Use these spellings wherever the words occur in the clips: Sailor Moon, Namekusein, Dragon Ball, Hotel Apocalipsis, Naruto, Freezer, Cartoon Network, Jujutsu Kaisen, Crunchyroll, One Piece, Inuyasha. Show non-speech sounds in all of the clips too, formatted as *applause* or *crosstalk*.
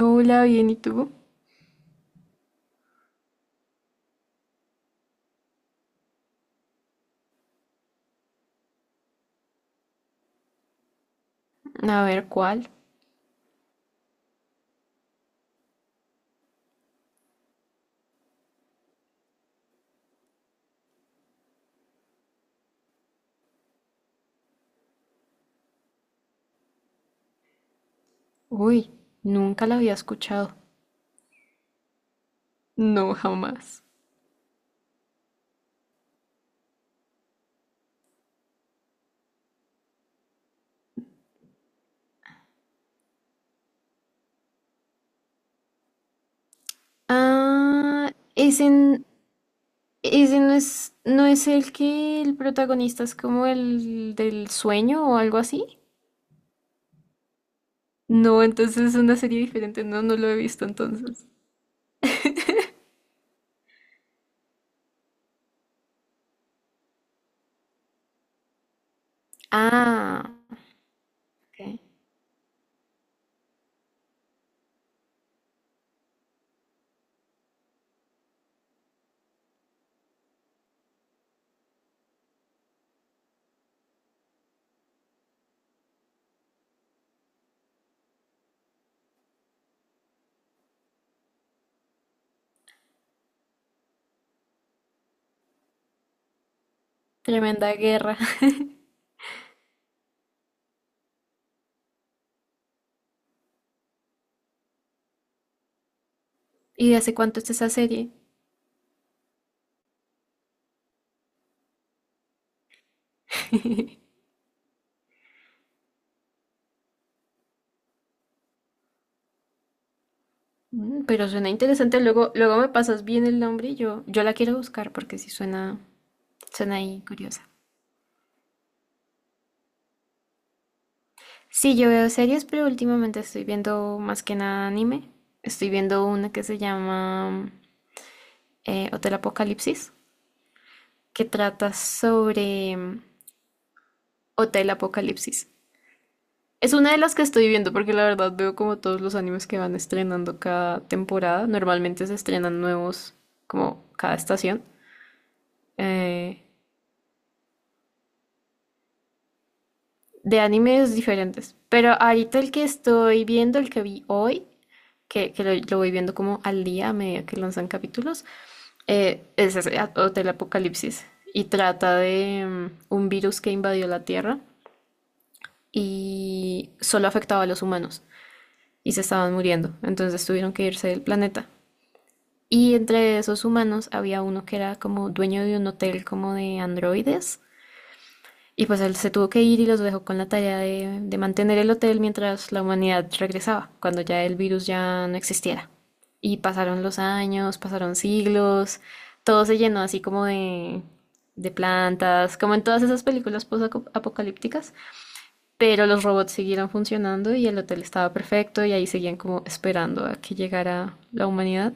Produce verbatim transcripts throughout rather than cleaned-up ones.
Hola, bien, ¿y tú? A ver, ¿cuál? Uy, nunca la había escuchado. No, jamás. Ah, ese, n- ese no es, no es el que el protagonista es como el del sueño o algo así. No, entonces es una serie diferente. No, no lo he visto entonces. Ah, ok. Tremenda guerra. *laughs* ¿Y de hace cuánto está esa serie? *laughs* Mm, pero suena interesante. Luego, luego me pasas bien el nombre y yo, yo la quiero buscar porque sí suena. Suena ahí curiosa. Sí, yo veo series, pero últimamente estoy viendo más que nada anime. Estoy viendo una que se llama eh, Hotel Apocalipsis, que trata sobre mm. Hotel Apocalipsis. Es una de las que estoy viendo porque la verdad veo como todos los animes que van estrenando cada temporada. Normalmente se estrenan nuevos como cada estación eh, de animes diferentes. Pero ahorita el que estoy viendo, el que vi hoy, que, que lo, lo voy viendo como al día a medida que lanzan capítulos, eh, es ese, a- Hotel Apocalipsis y trata de mm, un virus que invadió la Tierra y solo afectaba a los humanos y se estaban muriendo, entonces tuvieron que irse del planeta. Y entre esos humanos había uno que era como dueño de un hotel como de androides. Y pues él se tuvo que ir y los dejó con la tarea de, de mantener el hotel mientras la humanidad regresaba, cuando ya el virus ya no existiera. Y pasaron los años, pasaron siglos, todo se llenó así como de, de plantas, como en todas esas películas post-apocalípticas, pero los robots siguieron funcionando y el hotel estaba perfecto y ahí seguían como esperando a que llegara la humanidad.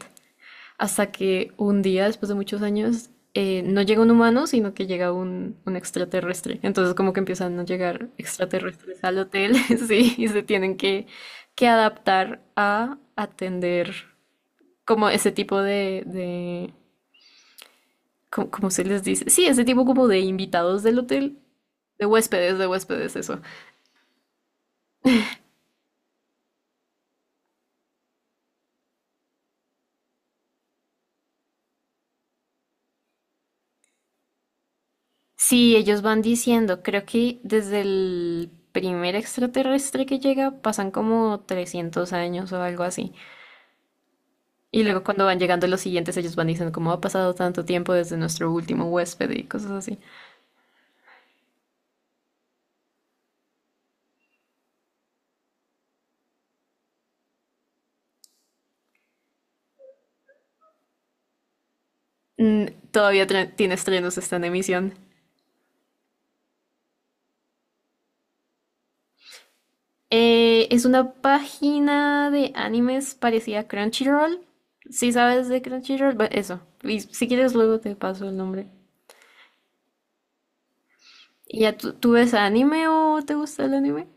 Hasta que un día, después de muchos años, eh, no llega un humano, sino que llega un, un extraterrestre. Entonces como que empiezan a llegar extraterrestres al hotel, *laughs* sí, y se tienen que, que adaptar a atender como ese tipo de, de ¿cómo, cómo se les dice? Sí, ese tipo como de invitados del hotel, de huéspedes, de huéspedes, eso. Sí, ellos van diciendo, creo que desde el primer extraterrestre que llega pasan como trescientos años o algo así. Y luego cuando van llegando los siguientes, ellos van diciendo como ha pasado tanto tiempo desde nuestro último huésped y cosas así. Mm, todavía tra- tiene estrenos, está en emisión. Eh, es una página de animes parecida a Crunchyroll. Si sabes de Crunchyroll, bueno, eso. Y si quieres luego te paso el nombre. ¿Y ya tú, tú ves anime o te gusta el anime?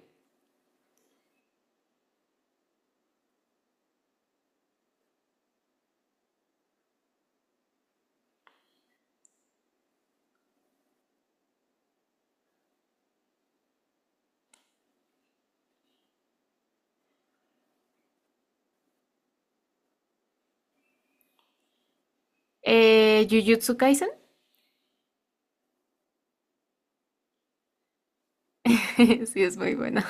Eh, Jujutsu Kaisen. *laughs* Sí, es muy buena.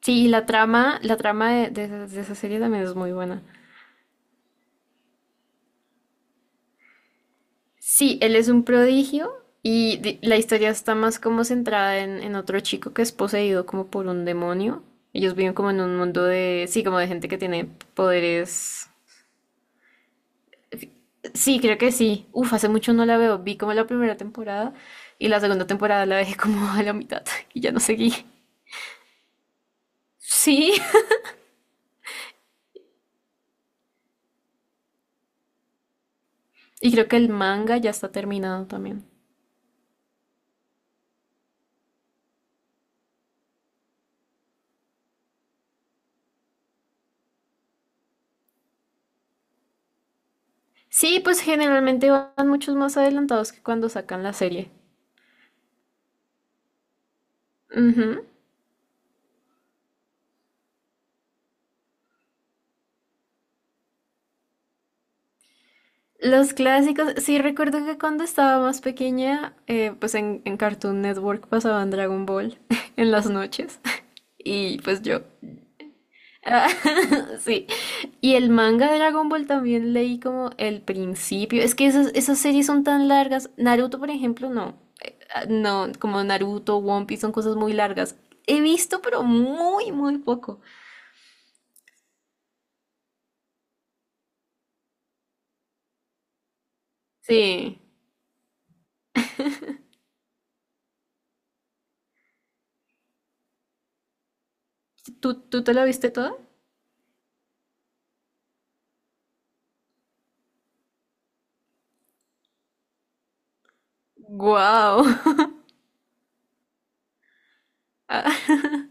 Sí, y la trama, la trama de, de esa de esa serie también es muy buena. Sí, él es un prodigio y di- la historia está más como centrada en, en otro chico que es poseído como por un demonio. Ellos viven como en un mundo de, sí, como de gente que tiene poderes. Sí, creo que sí. Uf, hace mucho no la veo. Vi como la primera temporada y la segunda temporada la dejé como a la mitad *laughs* y ya no seguí. Sí, *laughs* y creo que el manga ya está terminado también. Sí, pues generalmente van muchos más adelantados que cuando sacan la serie. Ujú. Los clásicos, sí recuerdo que cuando estaba más pequeña, eh, pues en, en Cartoon Network pasaban Dragon Ball *laughs* en las noches. *laughs* Y pues yo. Ah, *laughs* sí. Y el manga de Dragon Ball también leí como el principio. Es que esas, esas series son tan largas. Naruto, por ejemplo, no. Eh, ah, No, como Naruto, One Piece son cosas muy largas. He visto, pero muy, muy poco. Sí. ¿Tú, tú te la viste toda? ¡Guau! *laughs* Ah,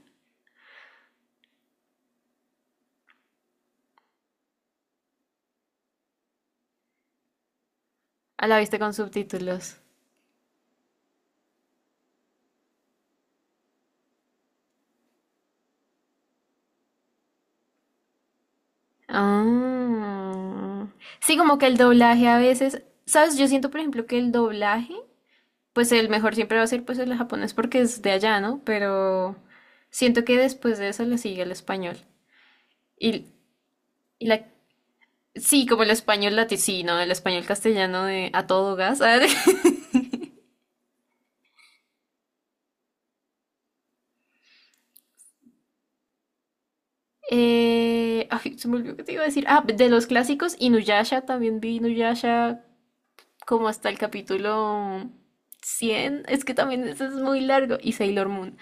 *laughs* ¿La viste con subtítulos? Ah. Sí, como que el doblaje a veces, ¿sabes? Yo siento, por ejemplo, que el doblaje, pues el mejor siempre va a ser pues el japonés porque es de allá, ¿no? Pero siento que después de eso le sigue el español. Y, y la... Sí, como el español latino, el español castellano de a todo gas. *laughs* Eh, ay, se me olvidó que te iba a decir. Ah, de los clásicos, Inuyasha, también vi Inuyasha como hasta el capítulo cien. Es que también ese es muy largo. Y Sailor Moon.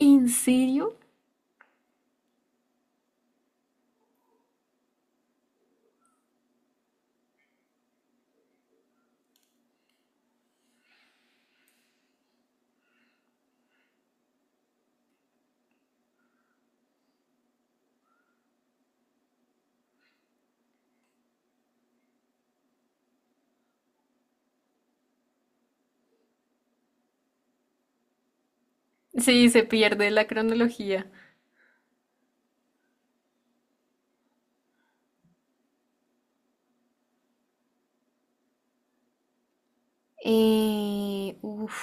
¿En serio? Sí, se pierde la cronología. Eh, uf.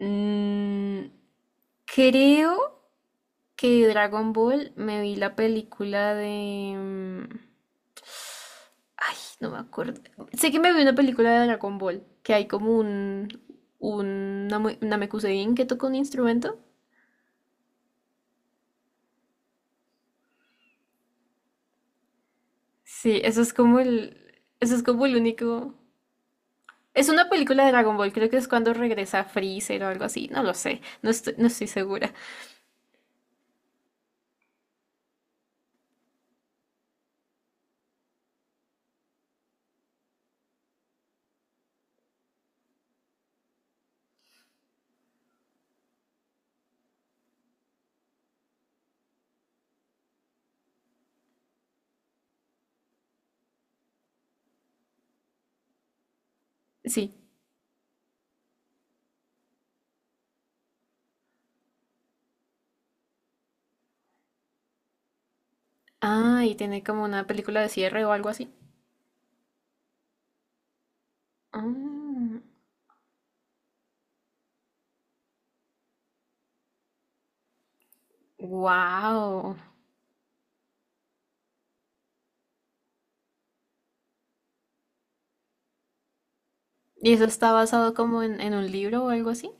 Mm, creo que Dragon Ball me vi la película de... mm, ay, no me acuerdo. Sé que me vi una película de Dragon Ball, que hay como un... un Name- Namekusein que toca un instrumento. Sí, eso es como el... Eso es como el único... Es una película de Dragon Ball, creo que es cuando regresa Freezer o algo así, no lo sé, no estoy, no estoy segura. Sí. Ah, y tiene como una película de cierre o algo así. Wow. ¿Y eso está basado como en, en un libro o algo así?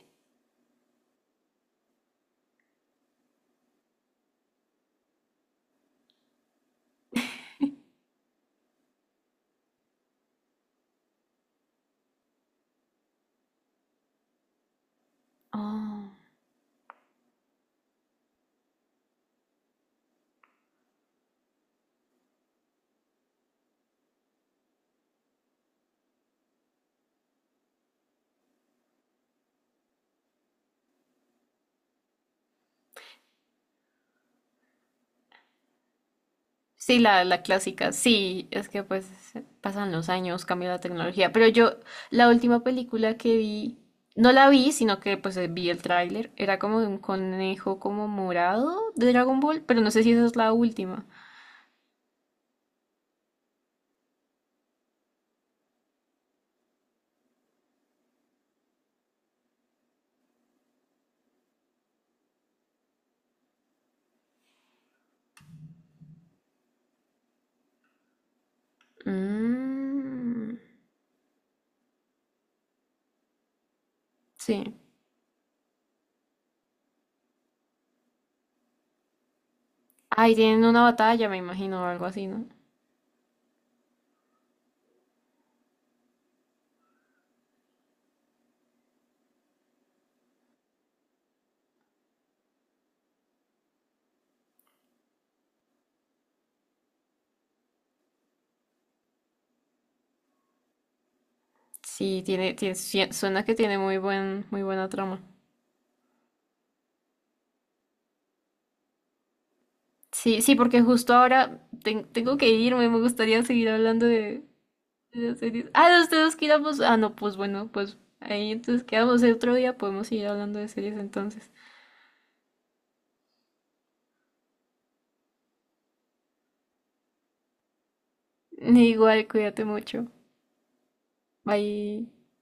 Oh. Sí, la, la clásica. Sí, es que pues pasan los años, cambia la tecnología. Pero yo, la última película que vi, no la vi, sino que pues eh, vi el tráiler. Era como de un conejo como morado de Dragon Ball, pero no sé si esa es la última. Mm, sí. Ahí tienen una batalla, me imagino, o algo así, ¿no? Sí, tiene, tiene- sie- suena que tiene muy buen, muy buena trama. Sí, sí, porque justo ahora ten- tengo que irme, me gustaría seguir hablando de, de las series. Ah, los dos quedamos. Ah, no, pues bueno, pues ahí entonces quedamos. El otro día podemos seguir hablando de series entonces. Igual, cuídate mucho. Bye.